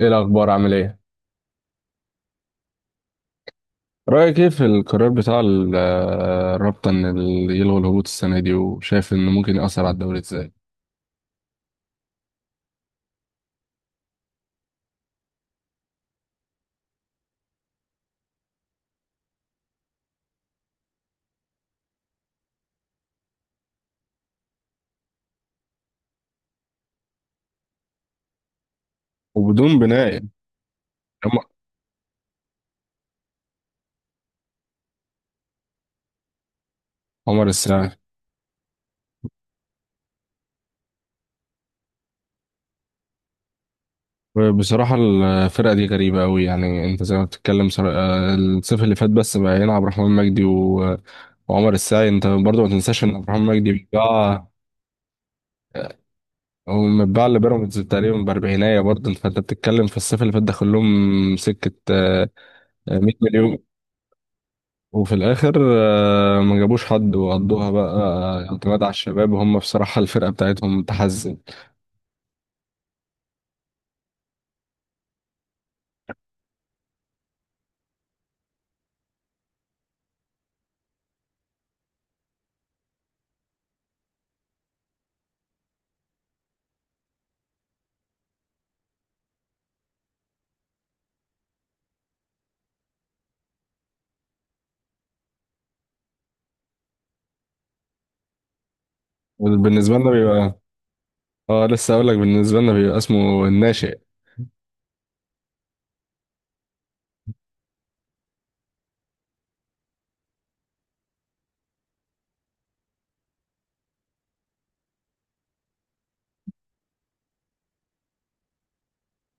ايه الاخبار، عامل ايه؟ رايك ايه في القرار بتاع الرابطه ان يلغوا الهبوط السنه دي، وشايف انه ممكن ياثر على الدوري ازاي؟ وبدون بناء يعني. عم- عمر السعيد. بصراحه الفرقه دي غريبه قوي، يعني انت زي ما بتتكلم الصيف اللي فات بس بقى يلعب رحمن مجدي وعمر السعيد. انت برضه ما تنساش ان رحمن مجدي بيتباع. هو متباع لبيراميدز تقريبا باربعينايه، برضه فانت بتتكلم في الصيف اللي فات دخل لهم سكه 100 مليون. وفي الاخر ما جابوش حد، وقضوها بقى اعتماد على الشباب، وهم بصراحه الفرقه بتاعتهم متحزن. وبالنسبه لنا بيبقى، اه لسه اقول لك، بالنسبه لنا بيبقى اسمه الناشئ.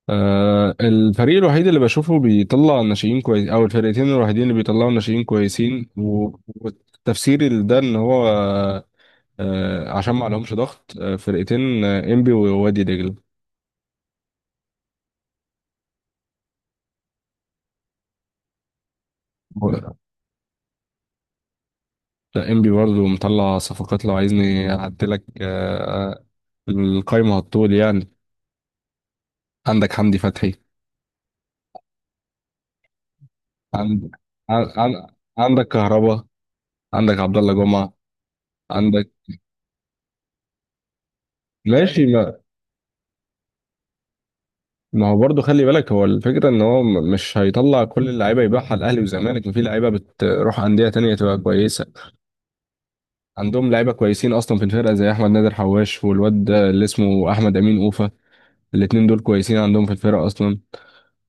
الفريق الوحيد اللي بشوفه بيطلع ناشئين كويس، او الفرقتين الوحيدين اللي بيطلعوا ناشئين كويسين، والتفسير ده ان هو عشان ما عليهمش ضغط، فرقتين، انبي ووادي دجله. لا، انبي برضه مطلع صفقات، لو عايزني اعدلك القايمة هتطول يعني. عندك حمدي فتحي. عند... عن... عن... عندك كهربا. عندك عبد الله جمعة. عندك. ماشي، ما هو برضه خلي بالك، هو الفكرة ان هو مش هيطلع كل اللعيبة يبيعها الاهلي والزمالك، ما في لعيبة بتروح أندية تانية تبقى كويسة. عندهم لعيبة كويسين اصلا في الفرقة، زي احمد نادر حواش، والواد ده اللي اسمه احمد امين اوفة. الاتنين دول كويسين عندهم في الفرقة اصلا.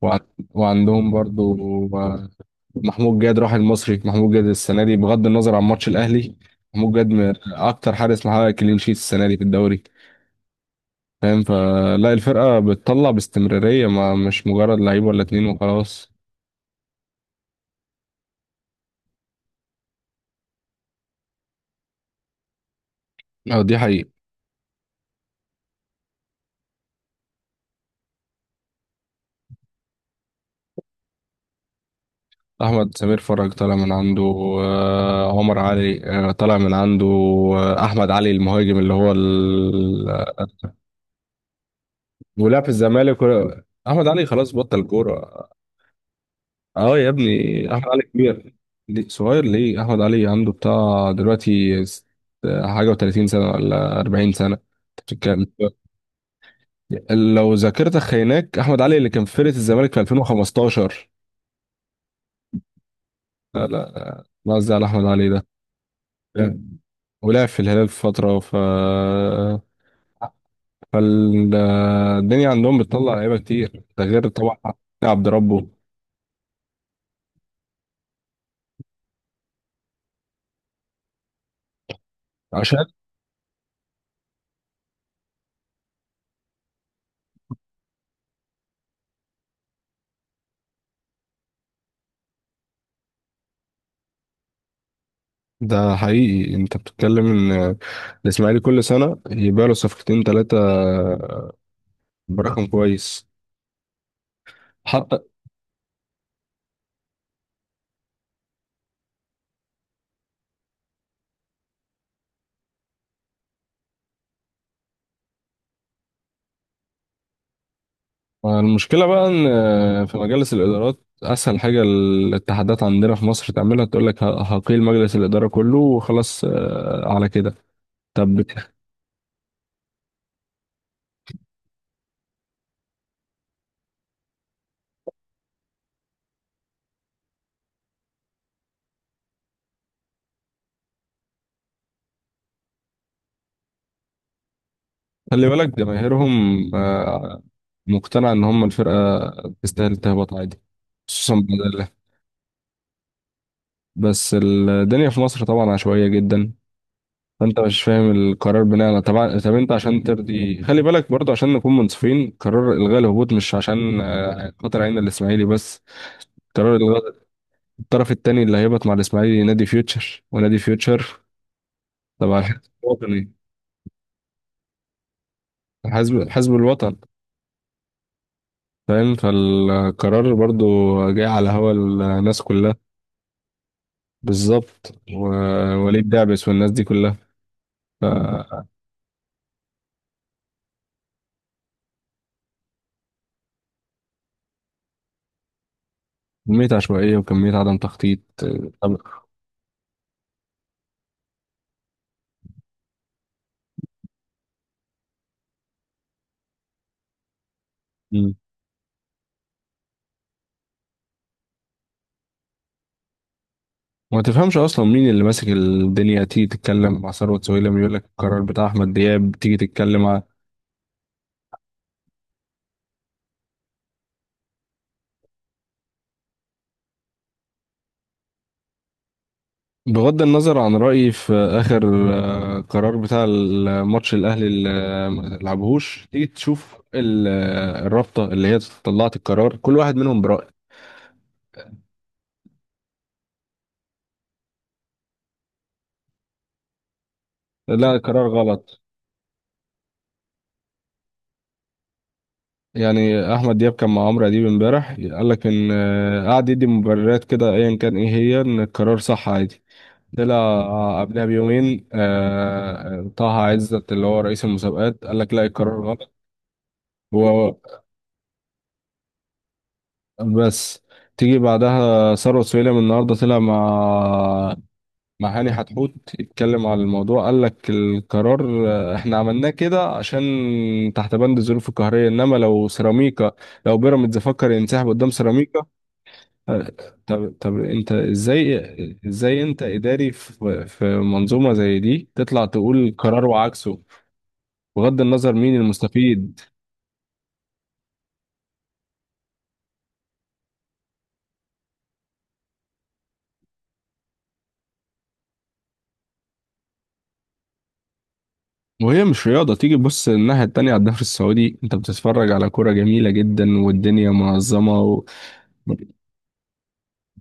وع- وعندهم برضو آه، محمود جاد. راح المصري محمود جاد السنه دي، بغض النظر عن ماتش الاهلي، محمود جاد من اكتر حارس محقق كلين شيت السنه دي في الدوري. فاهم، فلا الفرقه بتطلع باستمراريه، ما مش مجرد لعيب ولا اتنين وخلاص. دي حقيقه. احمد سمير فرج طالع من عنده. عمر علي طالع من عنده. احمد علي المهاجم، اللي هو ولا في الزمالك احمد علي خلاص بطل كوره. اه يا ابني، احمد علي كبير. صغير ليه؟ احمد علي عنده بتاع دلوقتي حاجه و30 سنه ولا 40 سنه أنت بتتكلم. لو ذاكرتك خيناك، احمد علي اللي كان في فرقه الزمالك في 2015. لا لا لا، قصدي على احمد علي ده. مم. ولعب في الهلال في فتره، فالدنيا عندهم بتطلع لعيبه كتير، ده غير طبعا عبد ربه. عشان ده حقيقي انت بتتكلم، ان الاسماعيلي كل سنه يبيع له صفقتين ثلاثه برقم كويس. حتى المشكلة بقى إن في مجالس الإدارات، أسهل حاجة الاتحادات عندنا في مصر تعملها تقول لك هقيل مجلس الإدارة كله وخلاص على كده. طب بت- خلي بالك جماهيرهم آه، مقتنع إن هم الفرقة تستاهل تهبط عادي، خصوصا بدل. بس الدنيا في مصر طبعا عشوائية جدا، فانت مش فاهم القرار بناء على طبعا. طب انت عشان ترضي، خلي بالك برضو عشان نكون منصفين، قرار الغاء الهبوط مش عشان خاطر عين الاسماعيلي بس. قرار الغاء، الطرف الثاني اللي هيهبط مع الاسماعيلي نادي فيوتشر، ونادي فيوتشر طبعا الحزب الوطني، حزب الوطن. فاهم، فالقرار برضو جاي على هوا الناس كلها. بالظبط، ووليد دعبس والناس دي كلها. فكمية عشوائية، وكمية عدم تخطيط طب ما تفهمش اصلا مين اللي ماسك الدنيا. تيجي تتكلم مع ثروت سويلم يقول لك القرار بتاع احمد دياب، تيجي تتكلم بغض النظر عن رايي في اخر قرار بتاع الماتش الاهلي اللي ما لعبهوش، تيجي تشوف الرابطه اللي هي طلعت القرار، كل واحد منهم براي. لا القرار غلط. يعني احمد دياب كان مع عمرو اديب امبارح، قال لك ان قعد يدي مبررات كده، ايا كان ايه هي، ان القرار صح عادي. طلع قبلها بيومين طه عزت اللي هو رئيس المسابقات قال لك لا القرار غلط. هو بس، تيجي بعدها ثروت سويلم النهارده طلع مع هاني حتحوت يتكلم على الموضوع، قال لك القرار احنا عملناه كده عشان تحت بند الظروف القهريه، انما لو سيراميكا، لو بيراميدز فكر ينسحب قدام سيراميكا آه، طب انت ازاي انت اداري في منظومه زي دي تطلع تقول قرار وعكسه؟ بغض النظر مين المستفيد. وهي مش رياضة. تيجي بص الناحية التانية على الدوري السعودي، انت بتتفرج على كرة جميلة جدا، والدنيا منظمة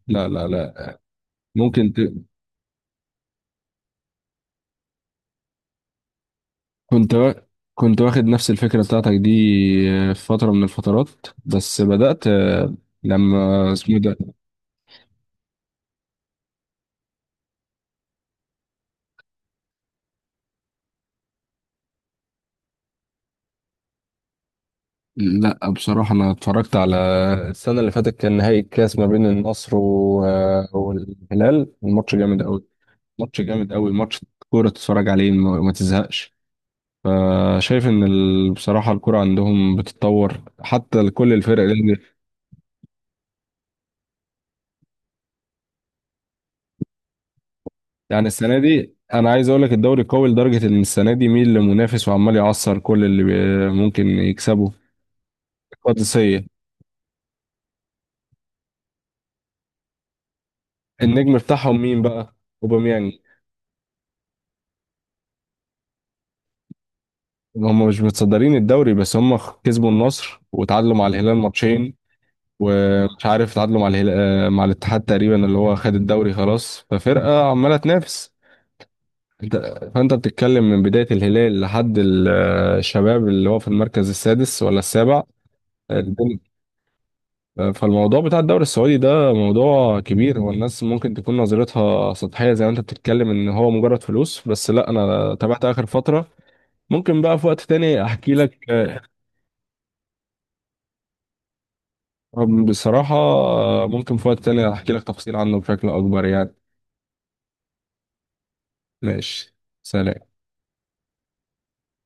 لا لا لا، ممكن ت... كنت و... كنت واخد نفس الفكرة بتاعتك دي في فترة من الفترات. بس بدأت لما اسمه إيه ده. لا بصراحة أنا اتفرجت على السنة اللي فاتت، كان نهائي الكاس ما بين النصر و... آه، والهلال، الماتش جامد أوي. ماتش كورة تتفرج عليه، ما تزهقش. فشايف ان بصراحه الكره عندهم بتتطور، حتى كل الفرق يعني السنه دي انا عايز اقول لك الدوري قوي، لدرجه ان السنه دي مين لمنافس، وعمال يعصر كل اللي ممكن يكسبه. القادسيه. النجم بتاعهم مين بقى؟ اوباميانج. هم مش متصدرين الدوري، بس هم كسبوا النصر وتعادلوا مع الهلال ماتشين. ومش عارف تعادلوا مع الهلال، مع الاتحاد تقريبا اللي هو خد الدوري خلاص. ففرقه عماله تنافس. انت، فانت بتتكلم من بداية الهلال لحد الشباب اللي هو في المركز السادس ولا السابع. الدنيا- فالموضوع بتاع الدوري السعودي ده موضوع كبير، والناس ممكن تكون نظرتها سطحية زي ما انت بتتكلم ان هو مجرد فلوس بس. لا انا تابعت اخر فترة. ممكن بقى في وقت تاني احكي لك بصراحة. ممكن في وقت تاني احكي لك تفصيل عنه بشكل اكبر يعني. ماشي. سلام.